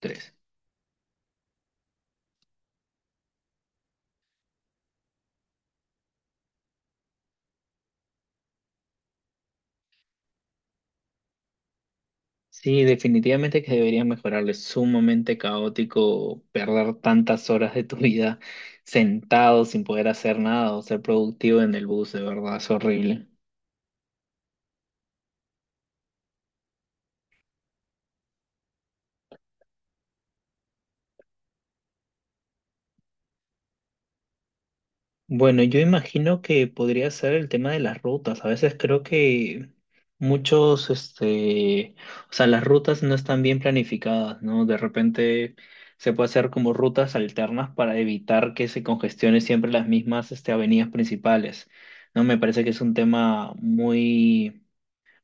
Tres. Sí, definitivamente que deberías mejorarlo. Es sumamente caótico perder tantas horas de tu vida sentado sin poder hacer nada o ser productivo en el bus, de verdad, es horrible. Bueno, yo imagino que podría ser el tema de las rutas. A veces creo que muchos, o sea, las rutas no están bien planificadas, ¿no? De repente se puede hacer como rutas alternas para evitar que se congestione siempre las mismas, avenidas principales, ¿no? Me parece que es un tema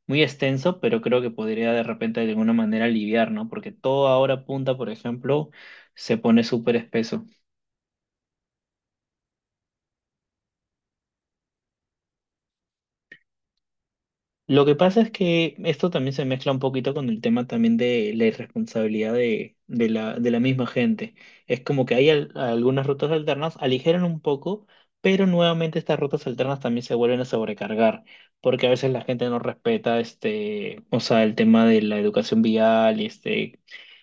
muy extenso, pero creo que podría de repente de alguna manera aliviar, ¿no? Porque todo ahora punta, por ejemplo, se pone súper espeso. Lo que pasa es que esto también se mezcla un poquito con el tema también de la irresponsabilidad de la misma gente. Es como que hay algunas rutas alternas, aligeran un poco, pero nuevamente estas rutas alternas también se vuelven a sobrecargar, porque a veces la gente no respeta o sea, el tema de la educación vial,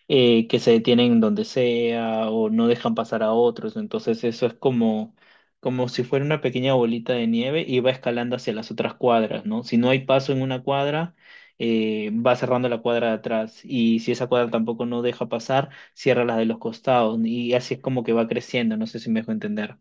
que se detienen donde sea o no dejan pasar a otros. Entonces eso es como si fuera una pequeña bolita de nieve y va escalando hacia las otras cuadras, ¿no? Si no hay paso en una cuadra, va cerrando la cuadra de atrás y si esa cuadra tampoco no deja pasar, cierra las de los costados y así es como que va creciendo, no sé si me dejo entender.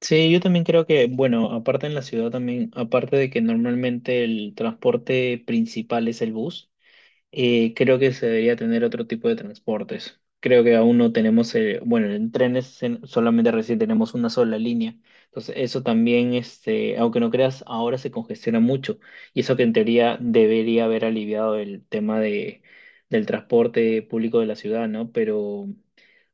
Sí, yo también creo que, bueno, aparte en la ciudad también, aparte de que normalmente el transporte principal es el bus. Creo que se debería tener otro tipo de transportes. Creo que aún no tenemos, bueno, en trenes solamente recién tenemos una sola línea. Entonces, eso también, aunque no creas, ahora se congestiona mucho. Y eso que en teoría debería haber aliviado el tema del transporte público de la ciudad, ¿no?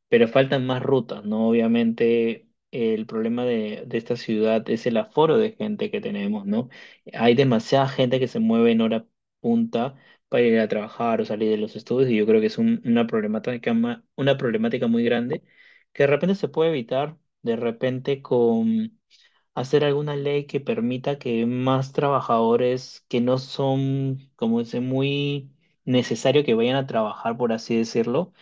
Pero faltan más rutas, ¿no? Obviamente el problema de esta ciudad es el aforo de gente que tenemos, ¿no? Hay demasiada gente que se mueve en hora punta para ir a trabajar o salir de los estudios y yo creo que es una una problemática muy grande que de repente se puede evitar, de repente con hacer alguna ley que permita que más trabajadores que no son, como dice, muy necesario que vayan a trabajar, por así decirlo,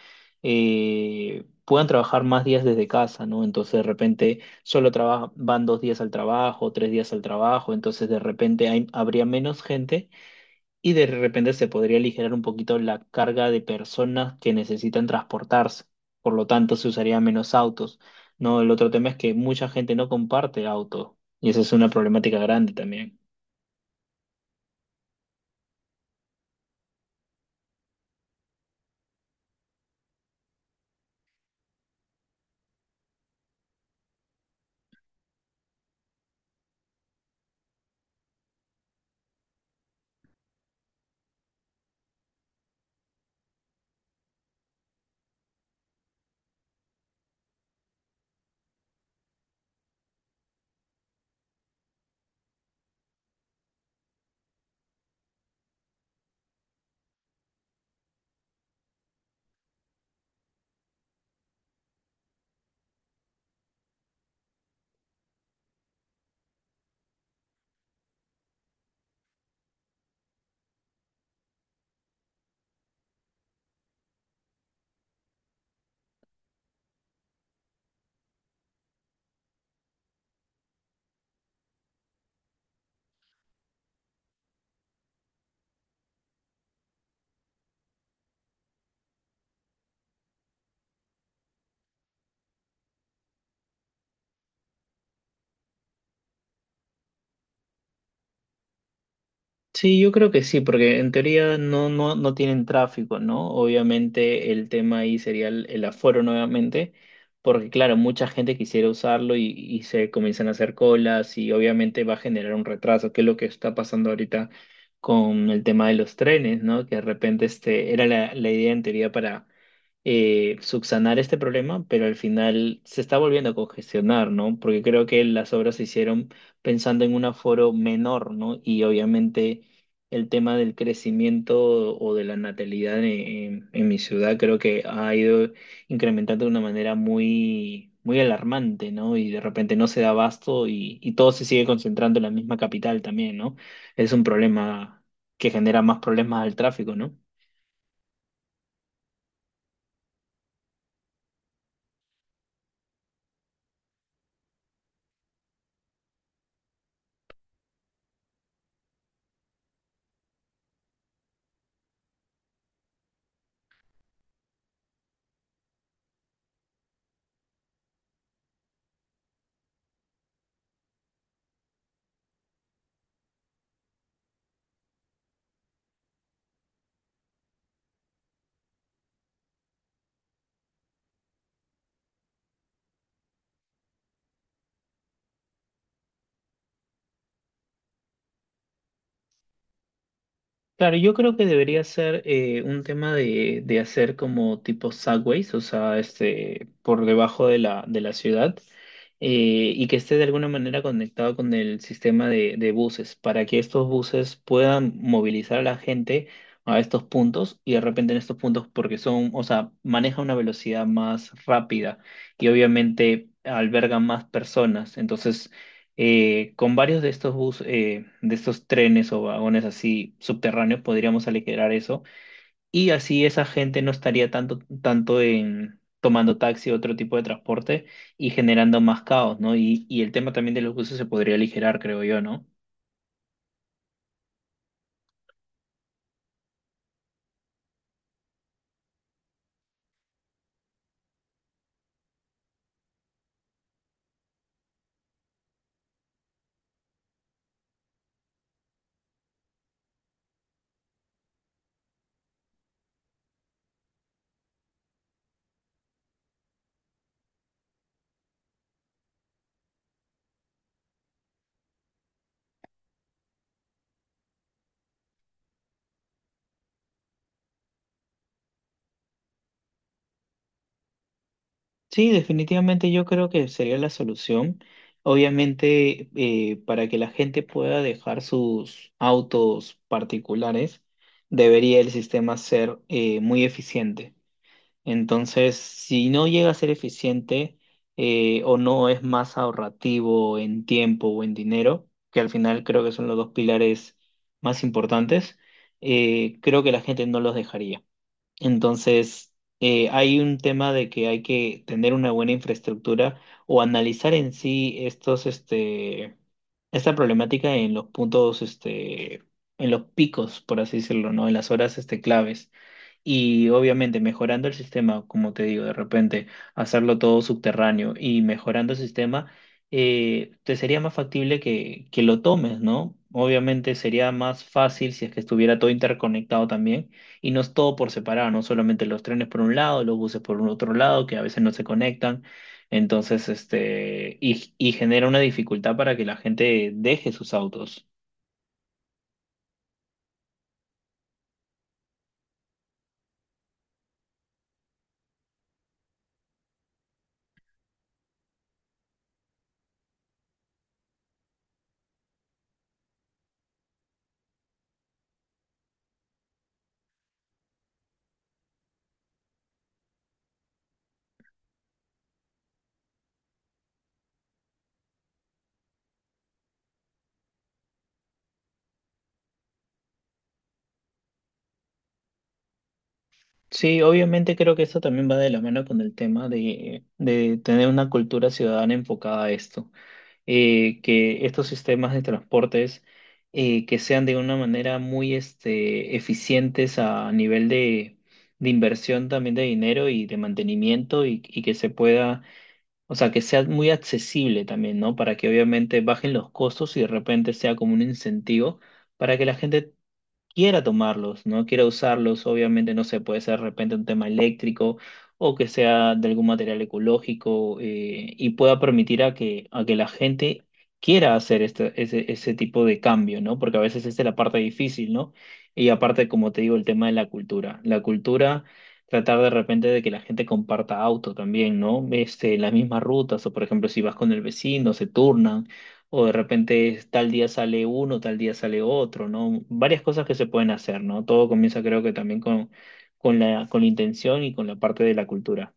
puedan trabajar más días desde casa, ¿no? Entonces de repente solo van dos días al trabajo, tres días al trabajo, entonces de repente habría menos gente y de repente se podría aligerar un poquito la carga de personas que necesitan transportarse. Por lo tanto, se usaría menos autos, ¿no? El otro tema es que mucha gente no comparte auto y esa es una problemática grande también. Sí, yo creo que sí, porque en teoría no tienen tráfico, ¿no? Obviamente el tema ahí sería el aforo nuevamente, porque claro, mucha gente quisiera usarlo y se comienzan a hacer colas y obviamente va a generar un retraso, que es lo que está pasando ahorita con el tema de los trenes, ¿no? Que de repente era la idea en teoría para subsanar este problema, pero al final se está volviendo a congestionar, ¿no? Porque creo que las obras se hicieron pensando en un aforo menor, ¿no? Y obviamente el tema del crecimiento o de la natalidad en mi ciudad creo que ha ido incrementando de una manera muy alarmante, ¿no? Y de repente no se da abasto y todo se sigue concentrando en la misma capital también, ¿no? Es un problema que genera más problemas al tráfico, ¿no? Claro, yo creo que debería ser un tema de hacer como tipo subways, o sea, por debajo de de la ciudad, y que esté de alguna manera conectado con el sistema de buses, para que estos buses puedan movilizar a la gente a estos puntos, y de repente en estos puntos, porque son, o sea, maneja una velocidad más rápida y obviamente alberga más personas, entonces con varios de estos de estos trenes o vagones así subterráneos podríamos aligerar eso y así esa gente no estaría tanto en tomando taxi o otro tipo de transporte y generando más caos, ¿no? Y el tema también de los buses se podría aligerar, creo yo, ¿no? Sí, definitivamente yo creo que sería la solución. Obviamente, para que la gente pueda dejar sus autos particulares, debería el sistema ser muy eficiente. Entonces, si no llega a ser eficiente o no es más ahorrativo en tiempo o en dinero, que al final creo que son los dos pilares más importantes, creo que la gente no los dejaría. Entonces, hay un tema de que hay que tener una buena infraestructura o analizar en sí esta problemática en los puntos, en los picos, por así decirlo, ¿no? En las horas, claves. Y obviamente mejorando el sistema, como te digo, de repente hacerlo todo subterráneo y mejorando el sistema, te sería más factible que lo tomes, ¿no? Obviamente sería más fácil si es que estuviera todo interconectado también y no es todo por separado, no solamente los trenes por un lado, los buses por un otro lado, que a veces no se conectan. Entonces, y genera una dificultad para que la gente deje sus autos. Sí, obviamente creo que eso también va de la mano con el tema de tener una cultura ciudadana enfocada a esto. Que estos sistemas de transportes que sean de una manera muy eficientes a nivel de inversión también de dinero y de mantenimiento y que se pueda, o sea, que sea muy accesible también, ¿no? Para que obviamente bajen los costos y de repente sea como un incentivo para que la gente quiera tomarlos, ¿no? Quiera usarlos, obviamente, no sé, puede ser de repente un tema eléctrico o que sea de algún material ecológico y pueda permitir a que la gente quiera hacer ese tipo de cambio, ¿no? Porque a veces esa es la parte difícil, ¿no? Y aparte, como te digo, el tema de la cultura. La cultura, tratar de repente de que la gente comparta auto también, ¿no? Las mismas rutas, o por ejemplo, si vas con el vecino, se turnan o de repente es tal día sale uno, tal día sale otro, ¿no? Varias cosas que se pueden hacer, ¿no? Todo comienza creo que también con con la intención y con la parte de la cultura.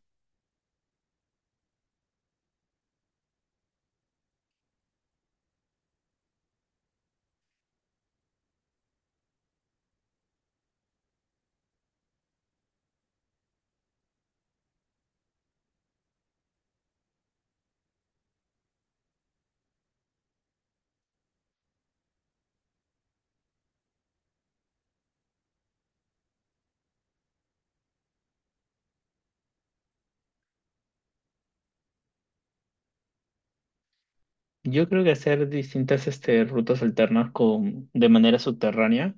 Yo creo que hacer distintas rutas alternas con, de manera subterránea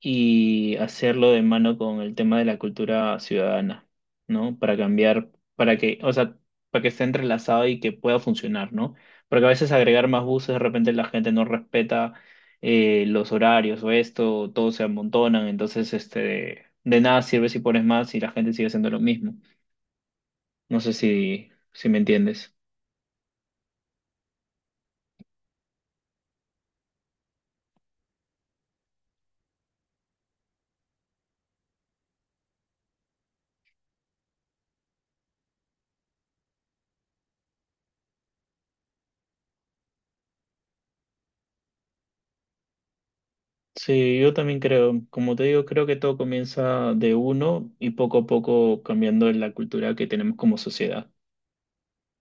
y hacerlo de mano con el tema de la cultura ciudadana, ¿no? Para cambiar, para que, o sea, para que esté entrelazado y que pueda funcionar, ¿no? Porque a veces agregar más buses, de repente la gente no respeta los horarios o esto, todos se amontonan, entonces de nada sirve si pones más y la gente sigue haciendo lo mismo. No sé si me entiendes. Sí, yo también creo, como te digo, creo que todo comienza de uno y poco a poco cambiando la cultura que tenemos como sociedad.